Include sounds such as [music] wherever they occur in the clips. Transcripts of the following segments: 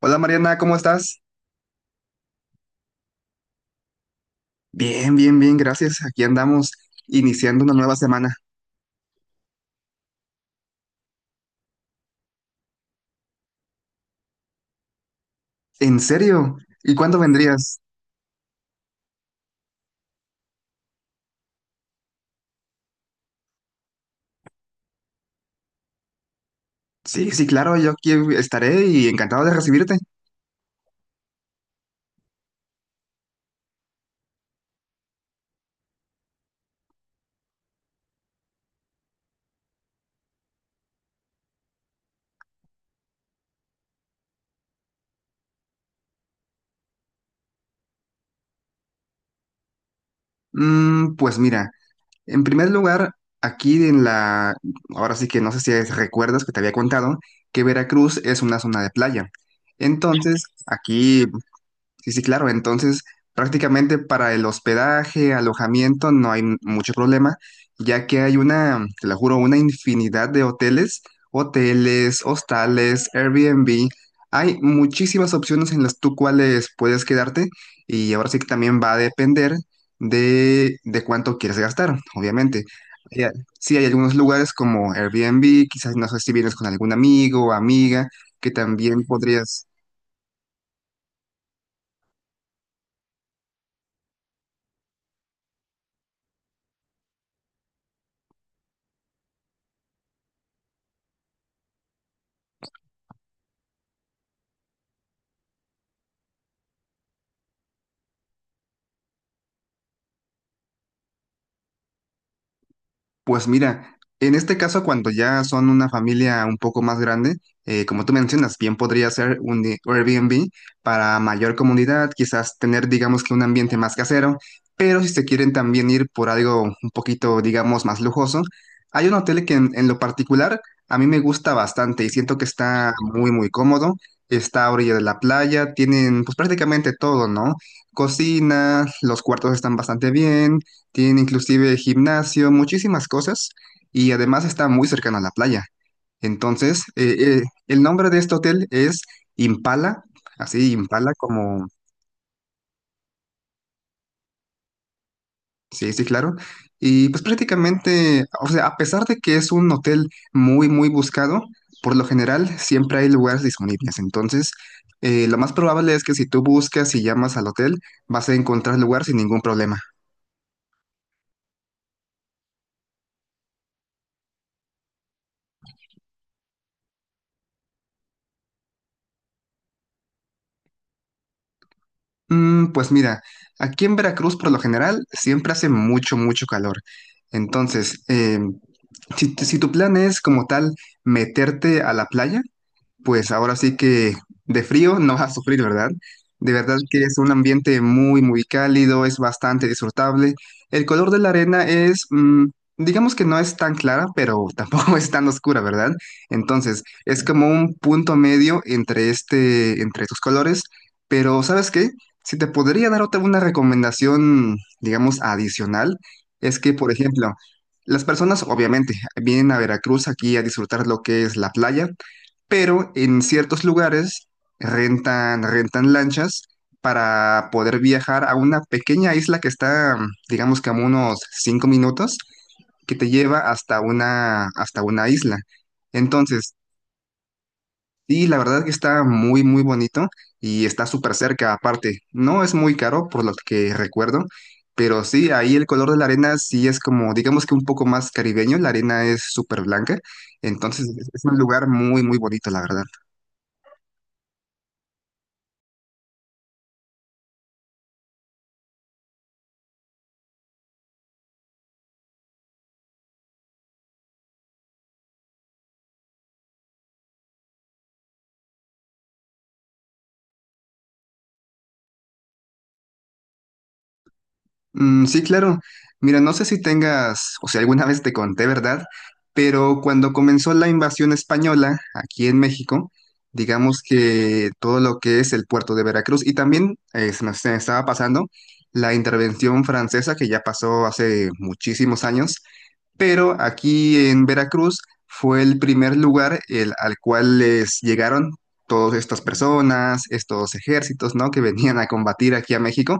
Hola Mariana, ¿cómo estás? Bien, bien, bien, gracias. Aquí andamos iniciando una nueva semana. ¿En serio? ¿Y cuándo vendrías? Sí, sí, claro, yo aquí estaré y encantado de recibirte. Pues mira, en primer lugar, aquí en la. Ahora sí que no sé si recuerdas que te había contado que Veracruz es una zona de playa. Entonces, aquí. Sí, sí, claro. Entonces, prácticamente para el hospedaje, alojamiento, no hay mucho problema, ya que hay una, te lo juro, una infinidad de hoteles, hostales, Airbnb. Hay muchísimas opciones en las tú cuales puedes quedarte y ahora sí que también va a depender de cuánto quieres gastar, obviamente. Eh, Sí, hay algunos lugares como Airbnb, quizás no sé si vienes con algún amigo o amiga, que también podrías. Pues mira, en este caso, cuando ya son una familia un poco más grande, como tú mencionas, bien podría ser un Airbnb para mayor comunidad, quizás tener, digamos, que un ambiente más casero, pero si se quieren también ir por algo un poquito, digamos, más lujoso, hay un hotel que en lo particular a mí me gusta bastante y siento que está muy, muy cómodo. Está a orilla de la playa, tienen pues prácticamente todo, ¿no? Cocina, los cuartos están bastante bien, tiene inclusive gimnasio, muchísimas cosas y además está muy cercano a la playa. Entonces, el nombre de este hotel es Impala, así Impala como, sí, sí, claro. Y pues prácticamente, o sea, a pesar de que es un hotel muy, muy buscado, por lo general siempre hay lugares disponibles. Entonces, lo más probable es que si tú buscas y llamas al hotel, vas a encontrar lugar sin ningún problema. Pues mira, aquí en Veracruz por lo general siempre hace mucho, mucho calor. Entonces, si tu plan es como tal meterte a la playa, pues ahora sí que de frío no vas a sufrir, ¿verdad? De verdad que es un ambiente muy, muy cálido, es bastante disfrutable. El color de la arena es, digamos, que no es tan clara, pero tampoco [laughs] es tan oscura, ¿verdad? Entonces, es como un punto medio entre estos colores. Pero, ¿sabes qué? Si te podría dar otra una recomendación, digamos, adicional, es que, por ejemplo, las personas obviamente vienen a Veracruz aquí a disfrutar lo que es la playa, pero en ciertos lugares rentan lanchas para poder viajar a una pequeña isla que está, digamos, que a unos 5 minutos, que te lleva hasta una isla. Entonces, sí, la verdad que está muy, muy bonito y está súper cerca aparte. No es muy caro, por lo que recuerdo, pero sí, ahí el color de la arena sí es como, digamos, que un poco más caribeño, la arena es súper blanca, entonces es un lugar muy, muy bonito, la verdad. Mm, sí, claro. Mira, no sé si tengas, o si alguna vez te conté, ¿verdad? Pero cuando comenzó la invasión española aquí en México, digamos que todo lo que es el puerto de Veracruz y también, se me estaba pasando la intervención francesa, que ya pasó hace muchísimos años, pero aquí en Veracruz fue el primer lugar al cual les llegaron todas estas personas, estos ejércitos, ¿no? Que venían a combatir aquí a México.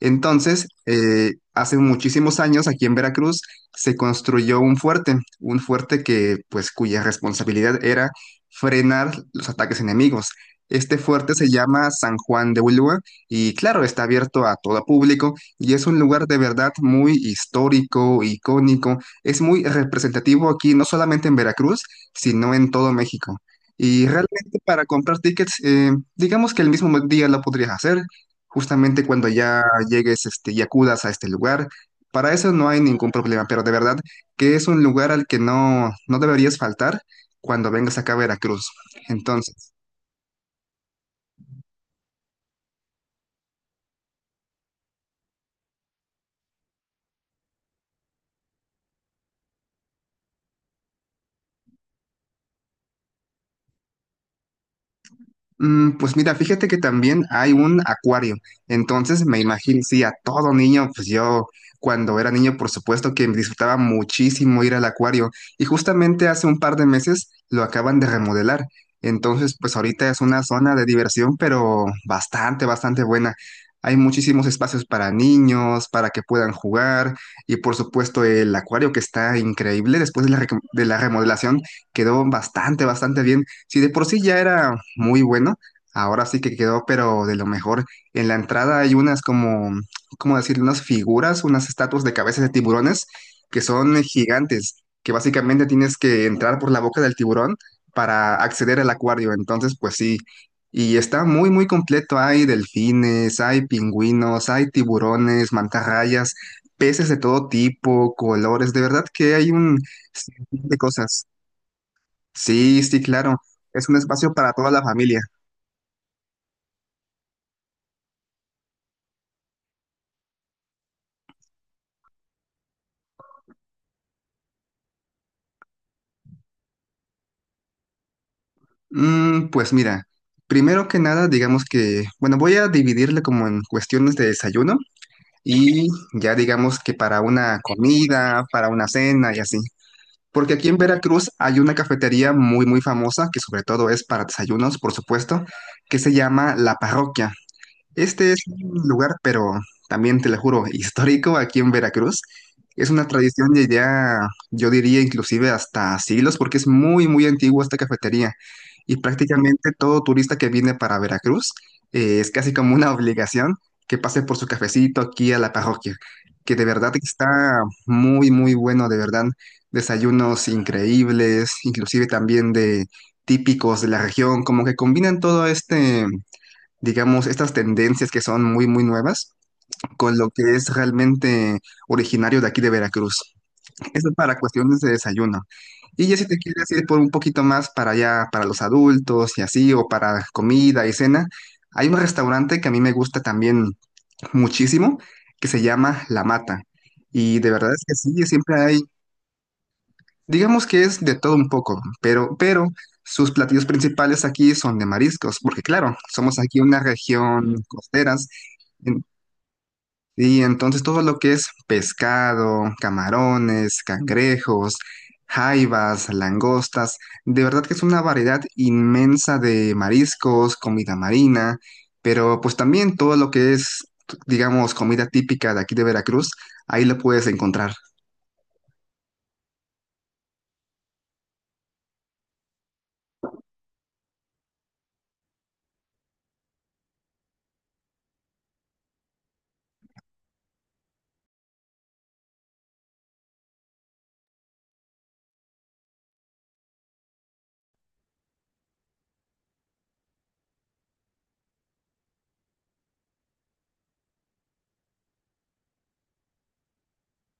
Entonces, hace muchísimos años aquí en Veracruz se construyó un fuerte que, pues, cuya responsabilidad era frenar los ataques enemigos. Este fuerte se llama San Juan de Ulúa y claro, está abierto a todo público y es un lugar de verdad muy histórico, icónico, es muy representativo aquí, no solamente en Veracruz, sino en todo México. Y realmente para comprar tickets, digamos que el mismo día lo podrías hacer, justamente cuando ya llegues este, y acudas a este lugar. Para eso no hay ningún problema, pero de verdad que es un lugar al que no, no deberías faltar cuando vengas acá a Veracruz. Entonces. Mm, pues mira, fíjate que también hay un acuario. Entonces me imagino, sí, a todo niño, pues yo cuando era niño, por supuesto que disfrutaba muchísimo ir al acuario. Y justamente hace un par de meses lo acaban de remodelar. Entonces, pues ahorita es una zona de diversión, pero bastante, bastante buena. Hay muchísimos espacios para niños, para que puedan jugar. Y por supuesto el acuario que está increíble, después de la, de la remodelación, quedó bastante, bastante bien. Si de por sí ya era muy bueno, ahora sí que quedó, pero de lo mejor. En la entrada hay unas como, ¿cómo decir? Unas figuras, unas estatuas de cabezas de tiburones que son gigantes, que básicamente tienes que entrar por la boca del tiburón para acceder al acuario. Entonces, pues sí. Y está muy, muy completo. Hay delfines, hay pingüinos, hay tiburones, mantarrayas, peces de todo tipo, colores. De verdad que hay un sinfín de cosas. Sí, sí, claro. Es un espacio para toda la familia. Pues mira, primero que nada, digamos que, bueno, voy a dividirle como en cuestiones de desayuno y ya digamos que para una comida, para una cena y así. Porque aquí en Veracruz hay una cafetería muy, muy famosa, que sobre todo es para desayunos, por supuesto, que se llama La Parroquia. Este es un lugar, pero también te lo juro, [laughs] histórico aquí en Veracruz. Es una tradición de ya, yo diría inclusive hasta siglos, porque es muy, muy antigua esta cafetería. Y prácticamente todo turista que viene para Veracruz, es casi como una [laughs] obligación que pase por su cafecito aquí a la parroquia, que de verdad que está muy, muy bueno, de verdad. Desayunos increíbles, inclusive también de típicos de la región, como que combinan todo este, digamos, estas tendencias que son muy, muy nuevas con lo que es realmente originario de aquí de Veracruz. Eso para cuestiones de desayuno. Y ya si te quieres ir por un poquito más para allá, para los adultos y así, o para comida y cena, hay un restaurante que a mí me gusta también muchísimo, que se llama La Mata. Y de verdad es que sí, siempre hay, digamos que es de todo un poco, pero sus platillos principales aquí son de mariscos, porque claro, somos aquí una región costera. Y entonces todo lo que es pescado, camarones, cangrejos, jaivas, langostas, de verdad que es una variedad inmensa de mariscos, comida marina, pero pues también todo lo que es, digamos, comida típica de aquí de Veracruz, ahí lo puedes encontrar.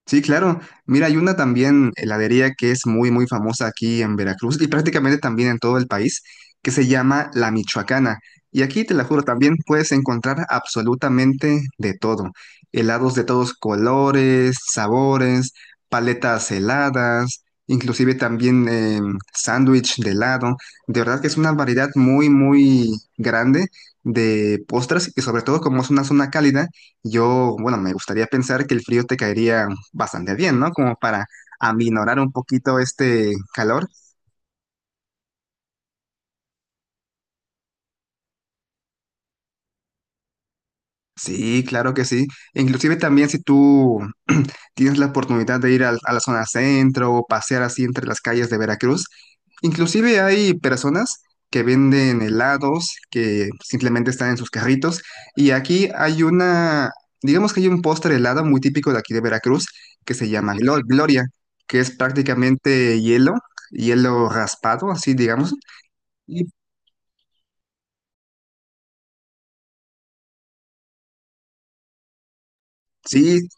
Sí, claro. Mira, hay una también heladería que es muy, muy famosa aquí en Veracruz y prácticamente también en todo el país, que se llama La Michoacana. Y aquí, te la juro, también puedes encontrar absolutamente de todo. Helados de todos colores, sabores, paletas heladas, inclusive también sándwich de helado. De verdad que es una variedad muy, muy grande de postres y sobre todo como es una zona cálida. Yo, bueno, me gustaría pensar que el frío te caería bastante bien, ¿no? Como para aminorar un poquito este calor. Sí, claro que sí. Inclusive también si tú tienes la oportunidad de ir a la zona centro o pasear así entre las calles de Veracruz, inclusive hay personas que venden helados, que simplemente están en sus carritos. Y aquí hay una, digamos, que hay un postre helado muy típico de aquí de Veracruz que se llama Gloria, que es prácticamente hielo, hielo raspado, así digamos. Y sí.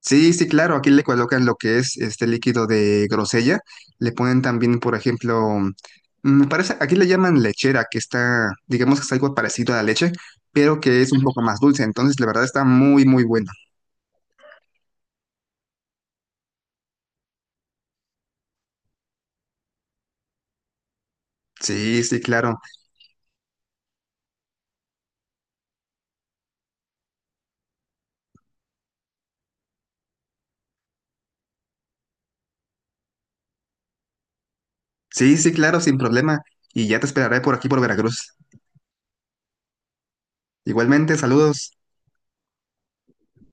Sí, sí, claro, aquí le colocan lo que es este líquido de grosella, le ponen también, por ejemplo, me parece, aquí le llaman lechera, que está, digamos, que es algo parecido a la leche, pero que es un poco más dulce, entonces la verdad está muy, muy bueno. Sí, sí, claro, sí, sí, claro, sin problema, y ya te esperaré por aquí por Veracruz. Igualmente, saludos.